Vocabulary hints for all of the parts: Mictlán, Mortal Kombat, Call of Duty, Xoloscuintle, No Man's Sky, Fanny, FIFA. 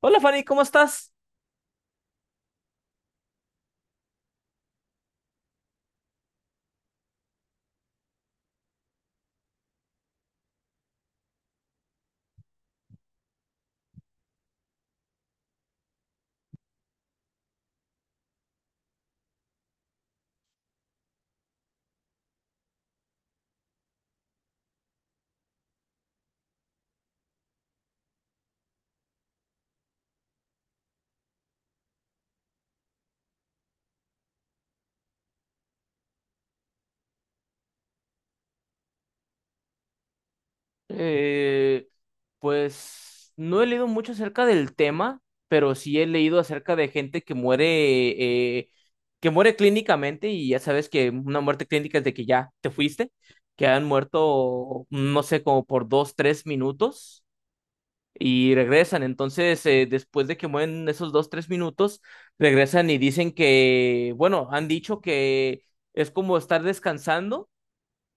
Hola Fanny, ¿cómo estás? Eh, pues no he leído mucho acerca del tema, pero sí he leído acerca de gente eh, que muere clínicamente, y ya sabes que una muerte clínica es de que ya te fuiste, que han muerto, no sé, como por dos, tres minutos y regresan. Entonces, después de que mueren esos dos, tres minutos, regresan y dicen que, bueno, han dicho que es como estar descansando,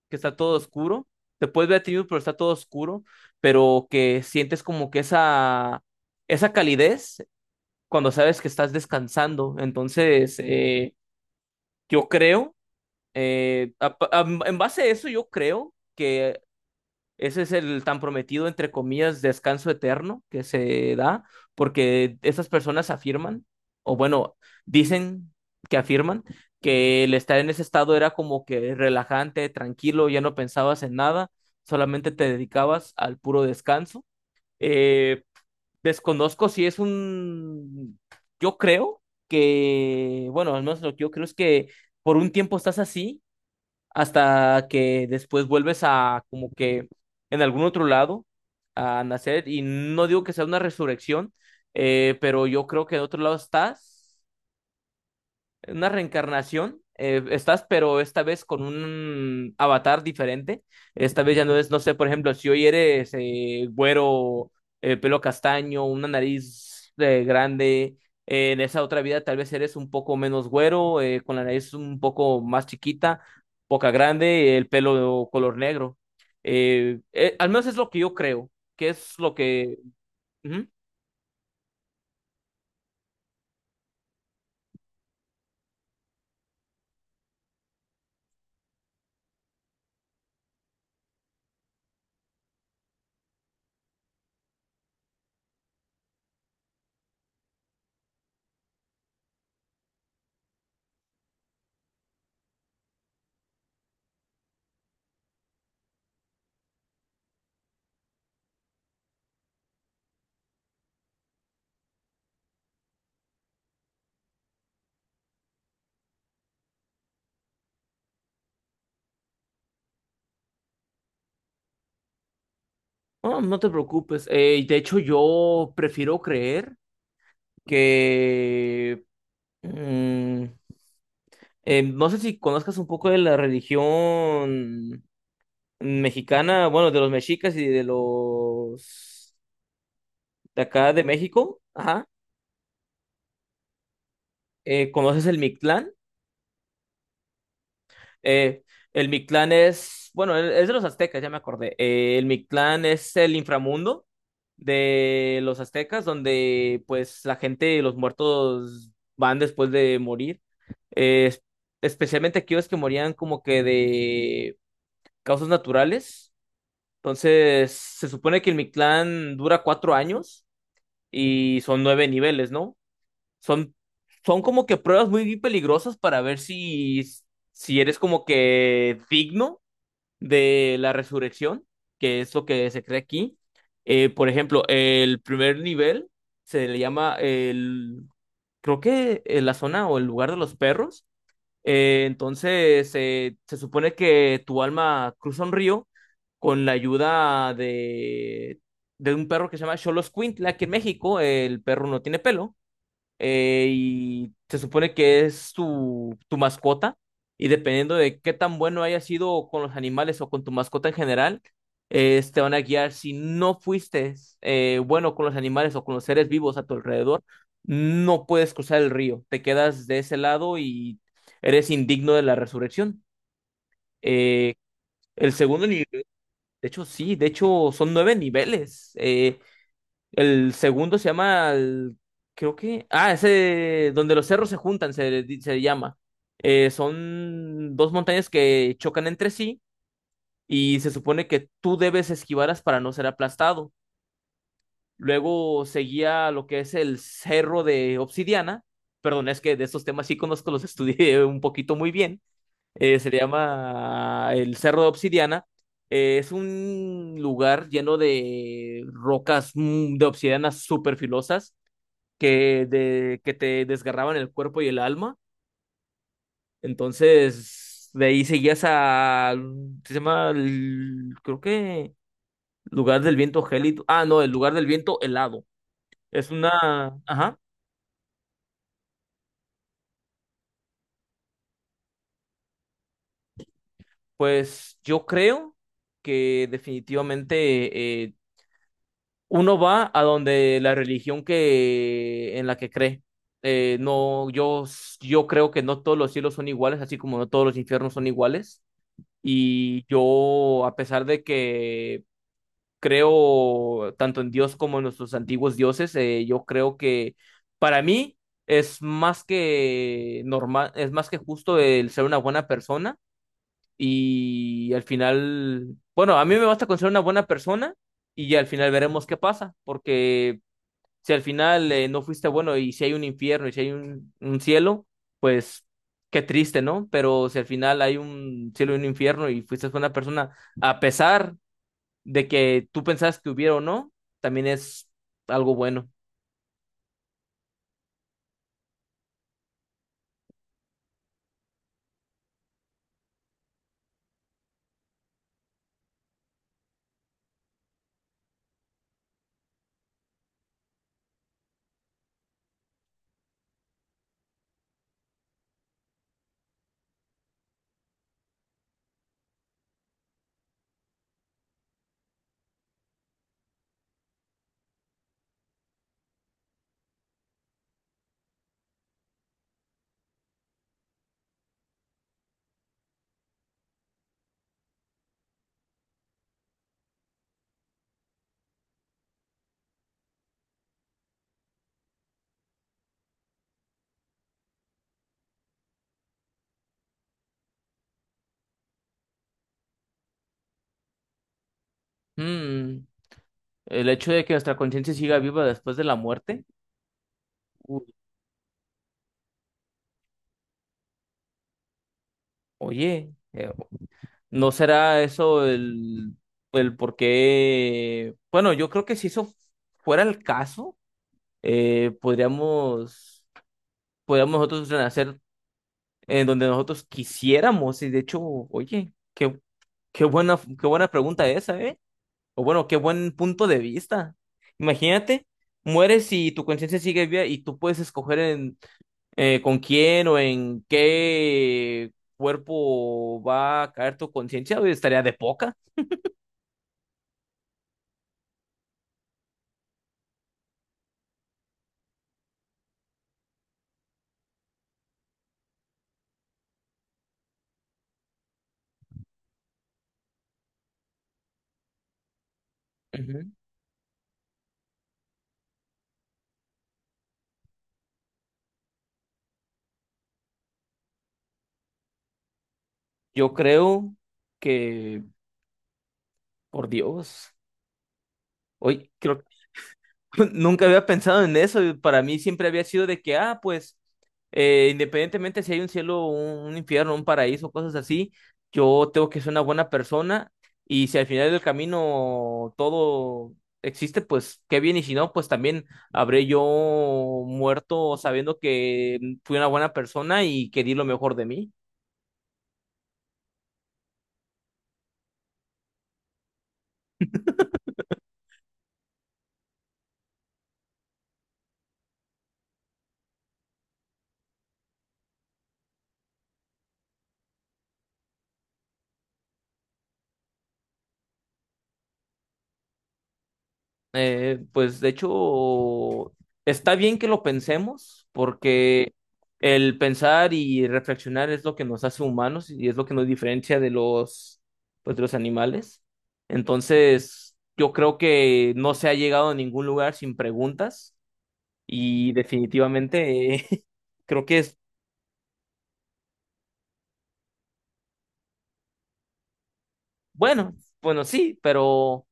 que está todo oscuro. Te puedes ver a ti mismo, pero está todo oscuro, pero que sientes como que esa calidez cuando sabes que estás descansando. Entonces, yo creo, en base a eso, yo creo que ese es el tan prometido, entre comillas, descanso eterno que se da, porque esas personas afirman, o bueno, dicen que afirman, que el estar en ese estado era como que relajante, tranquilo, ya no pensabas en nada, solamente te dedicabas al puro descanso. Eh, desconozco si es un... Yo creo que, bueno, al menos lo que yo creo es que por un tiempo estás así hasta que después vuelves a como que en algún otro lado a nacer, y no digo que sea una resurrección, pero yo creo que en otro lado estás una reencarnación. Estás, pero esta vez con un avatar diferente. Esta vez ya no es, no sé, por ejemplo, si hoy eres güero, pelo castaño, una nariz grande. En esa otra vida tal vez eres un poco menos güero, con la nariz un poco más chiquita, boca grande, el pelo color negro. Al menos es lo que yo creo, que es lo que... Ujú. Oh, no te preocupes. De hecho, yo prefiero creer que mm, no sé si conozcas un poco de la religión mexicana, bueno, de los mexicas y de los de acá de México, ajá. ¿Conoces el Mictlán? Eh, el Mictlán es, bueno, es de los aztecas, ya me acordé. El Mictlán es el inframundo de los aztecas, donde pues la gente, los muertos van después de morir. Eh, es- Especialmente aquellos que morían como que de causas naturales. Entonces, se supone que el Mictlán dura cuatro años y son nueve niveles, ¿no? Son, Son como que pruebas muy peligrosas para ver si, si eres como que digno de la resurrección, que es lo que se cree aquí. Por ejemplo, el primer nivel se le llama el, creo que la zona o el lugar de los perros. Se supone que tu alma cruza un río con la ayuda de un perro que se llama Xoloscuintle. Aquí en México, el perro no tiene pelo y se supone que es tu, tu mascota, y dependiendo de qué tan bueno haya sido con los animales o con tu mascota en general, te van a guiar. Si no fuiste bueno con los animales o con los seres vivos a tu alrededor, no puedes cruzar el río, te quedas de ese lado y eres indigno de la resurrección. Eh, el segundo nivel, de hecho, sí, de hecho son nueve niveles. El segundo se llama, creo que, ah, ese donde los cerros se juntan, se llama. Son dos montañas que chocan entre sí y se supone que tú debes esquivarlas para no ser aplastado. Luego seguía lo que es el cerro de Obsidiana. Perdón, es que de estos temas sí conozco, los estudié un poquito muy bien. Se le llama el cerro de Obsidiana. Es un lugar lleno de rocas de obsidiana súper filosas que, de, que te desgarraban el cuerpo y el alma. Entonces, de ahí seguías a. Se llama. Creo que. Lugar del viento gélido. Ah, no, el lugar del viento helado. Es una. Ajá. Pues yo creo que definitivamente uno va a donde la religión que en la que cree. No, yo creo que no todos los cielos son iguales, así como no todos los infiernos son iguales. Y yo, a pesar de que creo tanto en Dios como en nuestros antiguos dioses, yo creo que para mí es más que normal, es más que justo el ser una buena persona. Y al final, bueno, a mí me basta con ser una buena persona y al final veremos qué pasa, porque si al final no fuiste bueno y si hay un infierno y si hay un cielo, pues qué triste, ¿no? Pero si al final hay un cielo y un infierno y fuiste buena persona, a pesar de que tú pensabas que hubiera o no, también es algo bueno. Mm, el hecho de que nuestra conciencia siga viva después de la muerte, uy, oye, ¿no será eso el por qué? Bueno, yo creo que si eso fuera el caso, podríamos podamos nosotros renacer en donde nosotros quisiéramos. Y de hecho, oye, qué, qué buena pregunta esa, ¿eh? O bueno, qué buen punto de vista. Imagínate, mueres y tu conciencia sigue viva y tú puedes escoger en con quién o en qué cuerpo va a caer tu conciencia, oye, estaría de poca. Ujú. Yo creo que, por Dios, hoy creo nunca había pensado en eso. Para mí siempre había sido de que, ah, pues, independientemente si hay un cielo, un infierno, un paraíso, cosas así, yo tengo que ser una buena persona, y si al final del camino todo existe, pues qué bien, y si no, pues también habré yo muerto sabiendo que fui una buena persona y que di lo mejor de mí. Pues de hecho, está bien que lo pensemos, porque el pensar y reflexionar es lo que nos hace humanos y es lo que nos diferencia de los, pues, de los animales. Entonces, yo creo que no se ha llegado a ningún lugar sin preguntas, y definitivamente creo que es bueno, bueno, sí, pero...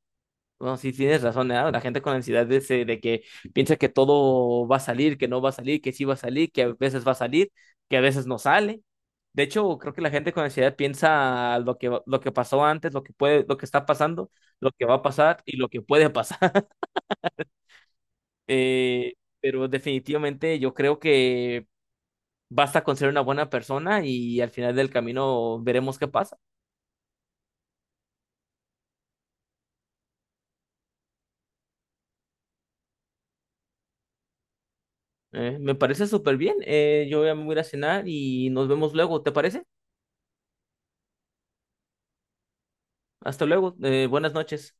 No, sí, tienes razón, ¿eh? La gente con ansiedad de, de que piensa que todo va a salir, que no va a salir, que sí va a salir, que a veces va a salir, que a veces no sale. De hecho, creo que la gente con ansiedad piensa lo que, lo que pasó antes, lo que puede, lo que está pasando, lo que va a pasar y lo que puede pasar. Eh, pero definitivamente yo creo que basta con ser una buena persona y al final del camino veremos qué pasa. Me parece súper bien. Yo ya me voy a ir a cenar y nos vemos luego, ¿te parece? Hasta luego. Buenas noches.